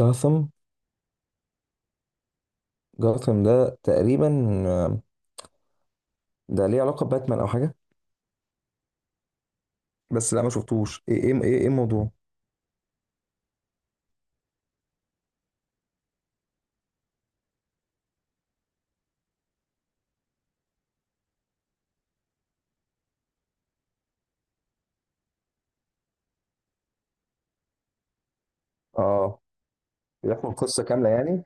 جاثم. جاثم ده تقريبا. آه، ده ليه علاقة بباتمان أو حاجة؟ بس لا، ما شفتوش، إيه الموضوع؟ آه، بيحكوا القصة كاملة يعني؟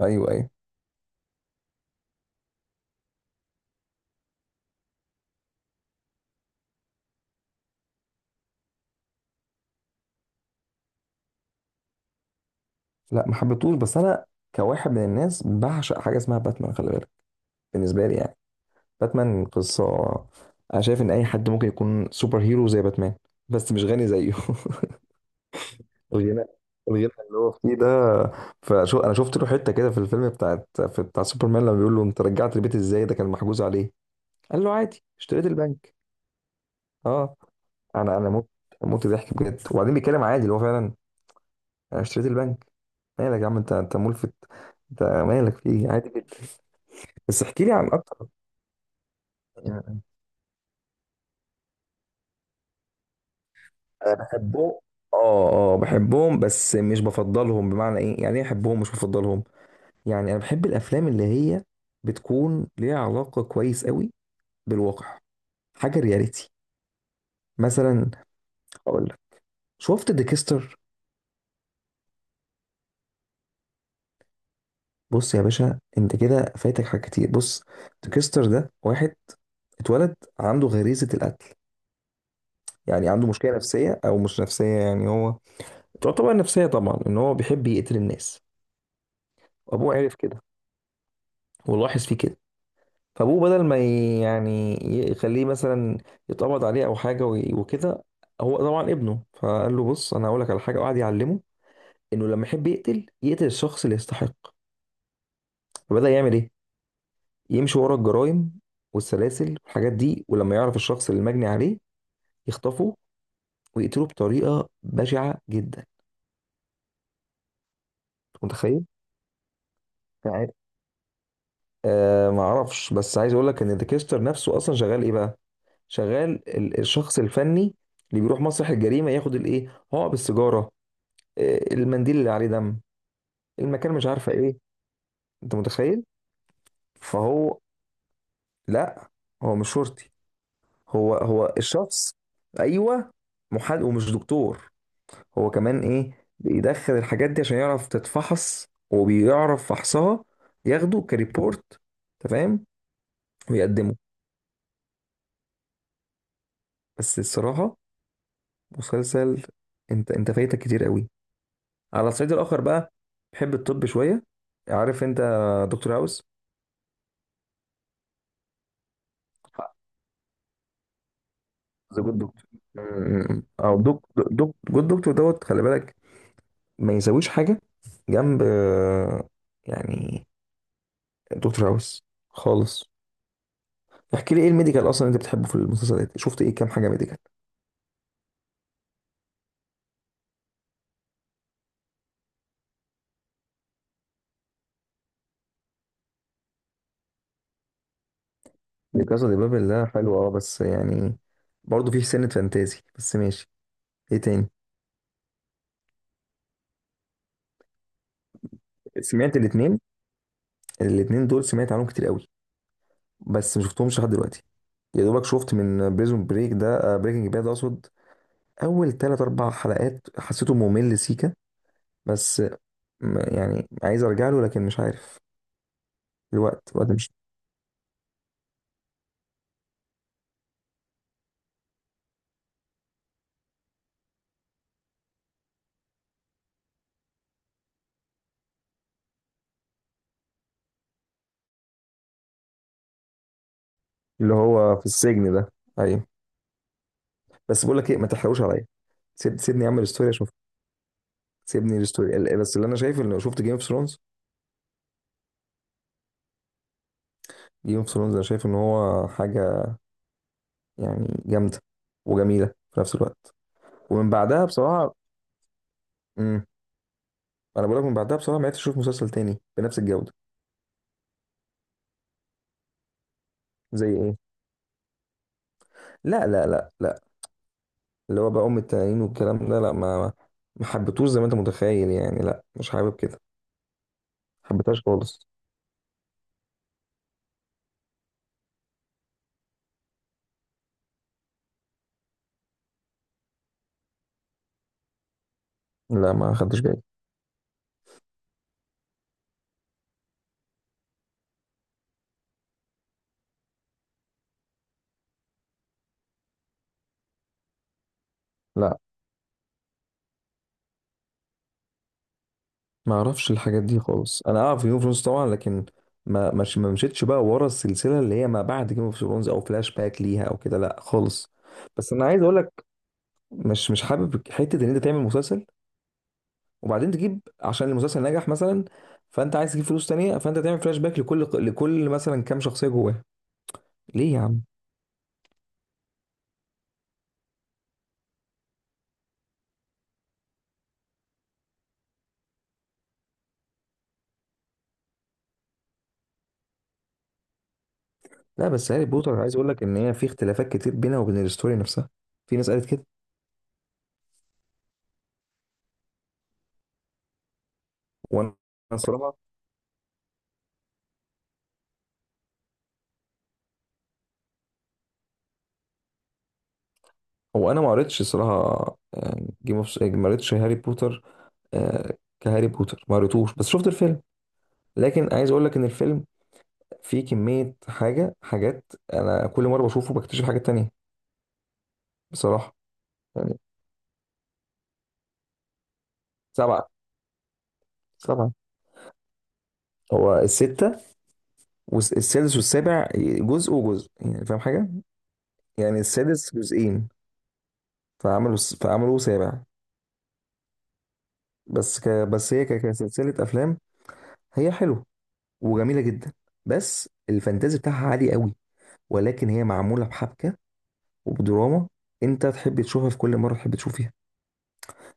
أيوه أيوه. لا ما حبيتهوش، بس أنا كواحد من الناس بعشق حاجة اسمها باتمان، خلي بالك. بالنسبة لي يعني، باتمان قصة. أنا شايف إن أي حد ممكن يكون سوبر هيرو زي باتمان، بس مش غني زيه. الغنى، الغنى اللي هو فيه ده. فشو، أنا شفت له حتة كده في الفيلم بتاعت، في بتاع سوبرمان، لما بيقول له أنت رجعت البيت إزاي؟ ده كان محجوز عليه. قال له عادي، اشتريت البنك. اه. انا موت، موت ضحك بجد. وبعدين بيتكلم عادي اللي هو فعلا، انا اشتريت البنك. مالك يا عم؟ انت ملفت. انت مالك؟ في ايه؟ عادي جدا. بس احكي لي عن اكتر. يعني، أنا بحبهم. اه، اه بحبهم بس مش بفضلهم. بمعنى ايه؟ يعني ايه احبهم مش بفضلهم؟ يعني انا بحب الافلام اللي هي بتكون ليها علاقة كويس قوي بالواقع، حاجة رياليتي. مثلا، اقول لك، شفت ديكستر؟ بص يا باشا، انت كده فايتك حاجات كتير. بص، تكستر ده واحد اتولد عنده غريزة القتل. يعني عنده مشكلة نفسية او مش نفسية، يعني هو تعتبر نفسية طبعا، ان هو بيحب يقتل الناس. وابوه عرف كده، ولاحظ فيه كده. فابوه بدل ما يخليه مثلا يتقبض عليه او حاجة وكده، هو طبعا ابنه، فقال له بص، انا هقول لك على حاجة، وقعد يعلمه انه لما يحب يقتل، يقتل الشخص اللي يستحق. فبدأ يعمل ايه؟ يمشي ورا الجرائم والسلاسل والحاجات دي، ولما يعرف الشخص اللي مجني عليه يخطفه ويقتله بطريقة بشعة جدا. أنت متخيل؟ يعني، آه ما اعرفش، بس عايز اقول لك ان ديكستر نفسه اصلا شغال ايه بقى؟ شغال الشخص الفني اللي بيروح مسرح الجريمة ياخد الايه؟ هو السيجارة، المنديل اللي عليه دم، المكان، مش عارفة ايه. انت متخيل؟ فهو، لا، هو مش شرطي. هو هو الشخص، ايوه، محامي ومش دكتور. هو كمان ايه، بيدخل الحاجات دي عشان يعرف تتفحص، وبيعرف فحصها. ياخده كريبورت، تمام، ويقدمه. بس الصراحة مسلسل، انت فايتك كتير قوي. على الصعيد الاخر بقى، بحب الطب شوية. عارف انت دكتور هاوس؟ ذا جود دكتور، او دك جود دكتور دوت، خلي بالك، ما يساويش حاجة جنب، يعني، دكتور هاوس خالص. احكي لي، ايه الميديكال اصلا انت بتحبه في المسلسلات؟ شفت ايه؟ كام حاجة ميديكال؟ دي كاسا دي بابل ده حلو، اه، بس يعني برضه فيه سنة فانتازي، بس ماشي. ايه تاني؟ سمعت الاتنين، الاتنين دول سمعت عنهم كتير قوي، بس ما شفتهمش لحد دلوقتي. يا دوبك شفت من بريزون بريك ده، بريكنج باد اقصد، اول تلات اربع حلقات، حسيته ممل سيكا. بس يعني عايز ارجع له لكن مش عارف. الوقت مش. اللي هو في السجن ده، ايوه. بس بقول لك ايه، ما تحرقوش عليا. سيبني اعمل ستوري اشوف. سيبني الستوري. بس اللي انا شايف، اللي شفت جيم اوف ثرونز، جيم اوف ثرونز، انا شايف ان هو حاجة، يعني، جامدة وجميلة في نفس الوقت. ومن بعدها بصراحة، امم، انا بقول لك من بعدها بصراحة ما عرفتش اشوف مسلسل تاني بنفس الجودة. زي ايه؟ لا، اللي هو بقى ام التنانين والكلام ده، لا، ما ما حبيتوش، زي ما انت متخيل يعني، لا مش حابب كده. ما حبيتهاش خالص. لا، ما خدتش بالي. لا، ما اعرفش الحاجات دي خالص. انا اعرف جيم اوف ثرونز طبعا، لكن ما، مش ما مشيتش بقى ورا السلسلة اللي هي ما بعد جيم اوف ثرونز، او فلاش باك ليها او كده، لا خالص. بس انا عايز اقول لك، مش حابب حتة ان انت تعمل مسلسل وبعدين تجيب، عشان المسلسل نجح مثلا، فانت عايز تجيب فلوس تانية، فانت تعمل فلاش باك لكل مثلا كام شخصية جواه. ليه يا عم؟ لا، بس هاري بوتر، عايز اقول لك ان هي في اختلافات كتير بينها وبين الستوري نفسها. في ناس قالت كده. وانا الصراحة، هو انا ما قريتش الصراحة جيم اوف، ما قريتش هاري بوتر، كهاري بوتر ما قريتوش، بس شفت الفيلم. لكن عايز اقول لك ان الفيلم فيه كمية حاجات، انا كل مرة بشوفه بكتشف حاجات تانية، بصراحة. يعني، سبعة. سبعة. هو الستة، والسادس والسابع جزء وجزء، يعني فاهم حاجة؟ يعني السادس جزئين، فعملوا سابع. بس ك، بس هي ك، كسلسلة أفلام، هي حلوة وجميلة جدا. بس الفانتازي بتاعها عالي قوي، ولكن هي معمولة بحبكة وبدراما، أنت تحب تشوفها في كل مرة تحب تشوف فيها.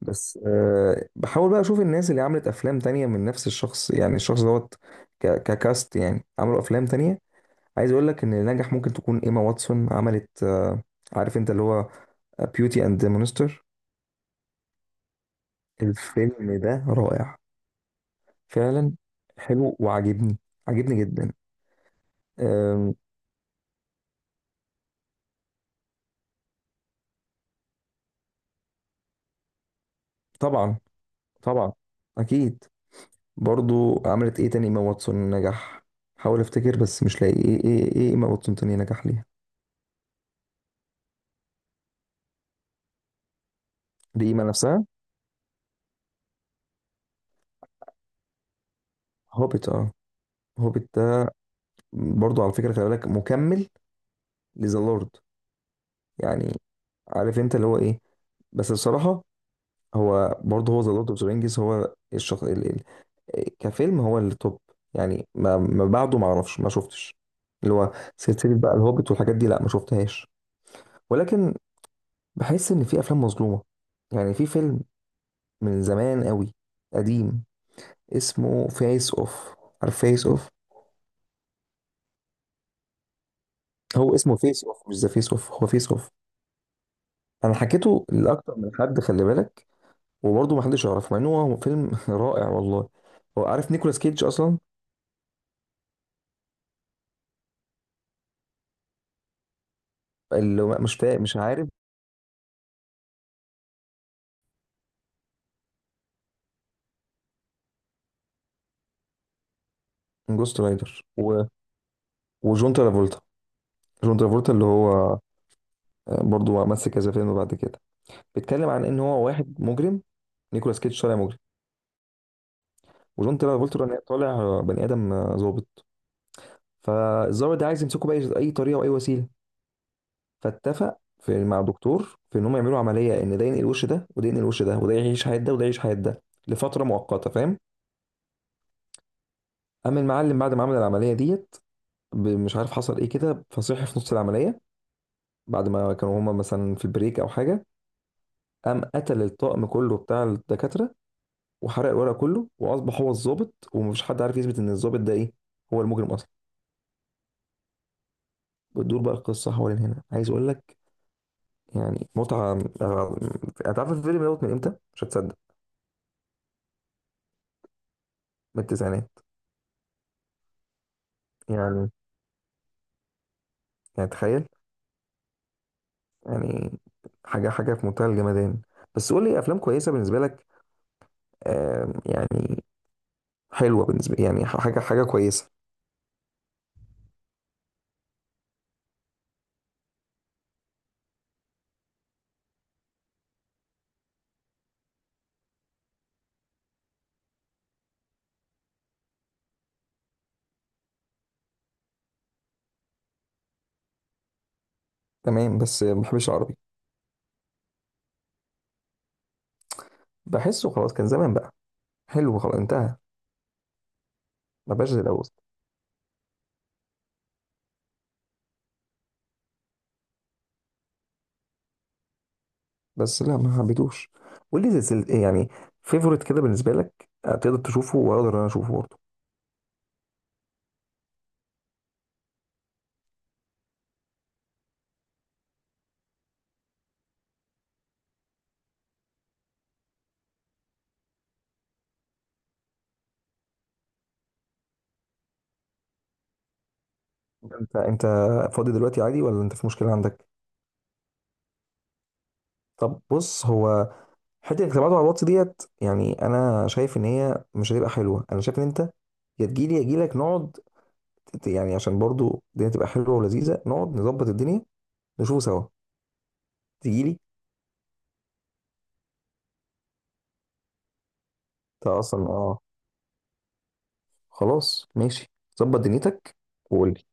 بس أه بحاول بقى أشوف الناس اللي عملت أفلام تانية من نفس الشخص، يعني الشخص دوت، ك، ككاست، يعني عملوا أفلام تانية. عايز أقول لك إن اللي نجح، ممكن تكون إيما واتسون، عملت عارف أنت اللي هو بيوتي اند ذا مونستر. الفيلم ده رائع فعلا. حلو وعاجبني، عاجبني جدا. أم، طبعا، طبعا، اكيد. برضو عملت ايه تاني ايما واتسون نجح؟ حاول افتكر بس مش لاقي، ايه ايما واتسون تاني نجح ليها؟ لإيما نفسها. هوبيت، اه. هوبيت ده، برضو على فكرة خلي بالك، مكمل لذا لورد. يعني عارف انت اللي هو ايه، بس بصراحة هو برضه، هو ذا لورد اوف ذا رينجز هو الشخص، كفيلم هو اللي توب. يعني ما بعده ما اعرفش، ما شفتش اللي هو سلسلة بقى الهوبيت والحاجات دي، لا ما شفتهاش. ولكن بحس ان في افلام مظلومة. يعني في فيلم من زمان قوي، قديم، اسمه فيس اوف. عارف فيس اوف؟ هو اسمه فيس اوف، مش ذا فيس اوف، هو فيس اوف. انا حكيته لاكتر من حد، خلي بالك، وبرضه ما حدش يعرف، مع انه هو فيلم رائع والله. هو عارف نيكولاس كيدج اصلا؟ اللي هو مش فا، مش عارف. جوست رايدر، و، وجون ترافولتا. جون ترافولتا اللي هو برضه مثل كذا فيلم بعد كده. بيتكلم عن ان هو واحد مجرم، نيكولاس كيدج طالع مجرم، وجون ترافولتا طالع بني ادم، ظابط. فالظابط ده عايز يمسكه باي اي طريقه واي وسيله، فاتفق في مع الدكتور في ان هم يعملوا عمليه، ان ده ينقل وش ده وده ينقل وش ده، وده يعيش حياه ده وده يعيش حياه ده لفتره مؤقته، فاهم؟ اما المعلم بعد ما عمل العمليه ديت، مش عارف حصل ايه كده، فصحي في نص العمليه بعد ما كانوا هما مثلا في بريك او حاجه، قام قتل الطاقم كله بتاع الدكاتره، وحرق الورق كله، واصبح هو الضابط، ومفيش حد عارف يثبت ان الضابط ده ايه، هو المجرم اصلا. بتدور بقى القصه حوالين هنا. عايز اقول لك، يعني، متعه. هتعرف الفيلم دوت من امتى؟ مش هتصدق. من التسعينات. يعني، يعني تخيل، يعني، حاجه في منتهى الجمدان. بس قول لي افلام كويسه بالنسبه لك. يعني حلوه بالنسبه، يعني حاجه كويسه. تمام، بس ما بحبش العربي، بحسه خلاص كان زمان بقى، حلو خلاص انتهى. ما بقاش زي الاول. بس لا، ما حبيتوش. واللي زي سل، يعني فيفورت كده بالنسبه لك، تقدر تشوفه واقدر انا اشوفه برضه. انت، انت فاضي دلوقتي عادي ولا انت في مشكله عندك؟ طب بص، هو حته انك تبعته على الواتس ديت، يعني انا شايف ان هي مش هتبقى حلوه. انا شايف ان انت يا تجيلي يا اجيلك، نقعد، يعني عشان برضه الدنيا تبقى حلوه ولذيذه، نقعد نظبط الدنيا، نشوفه سوا. تجيلي. انت اصلا اه. خلاص ماشي، ظبط دنيتك، وقول لي.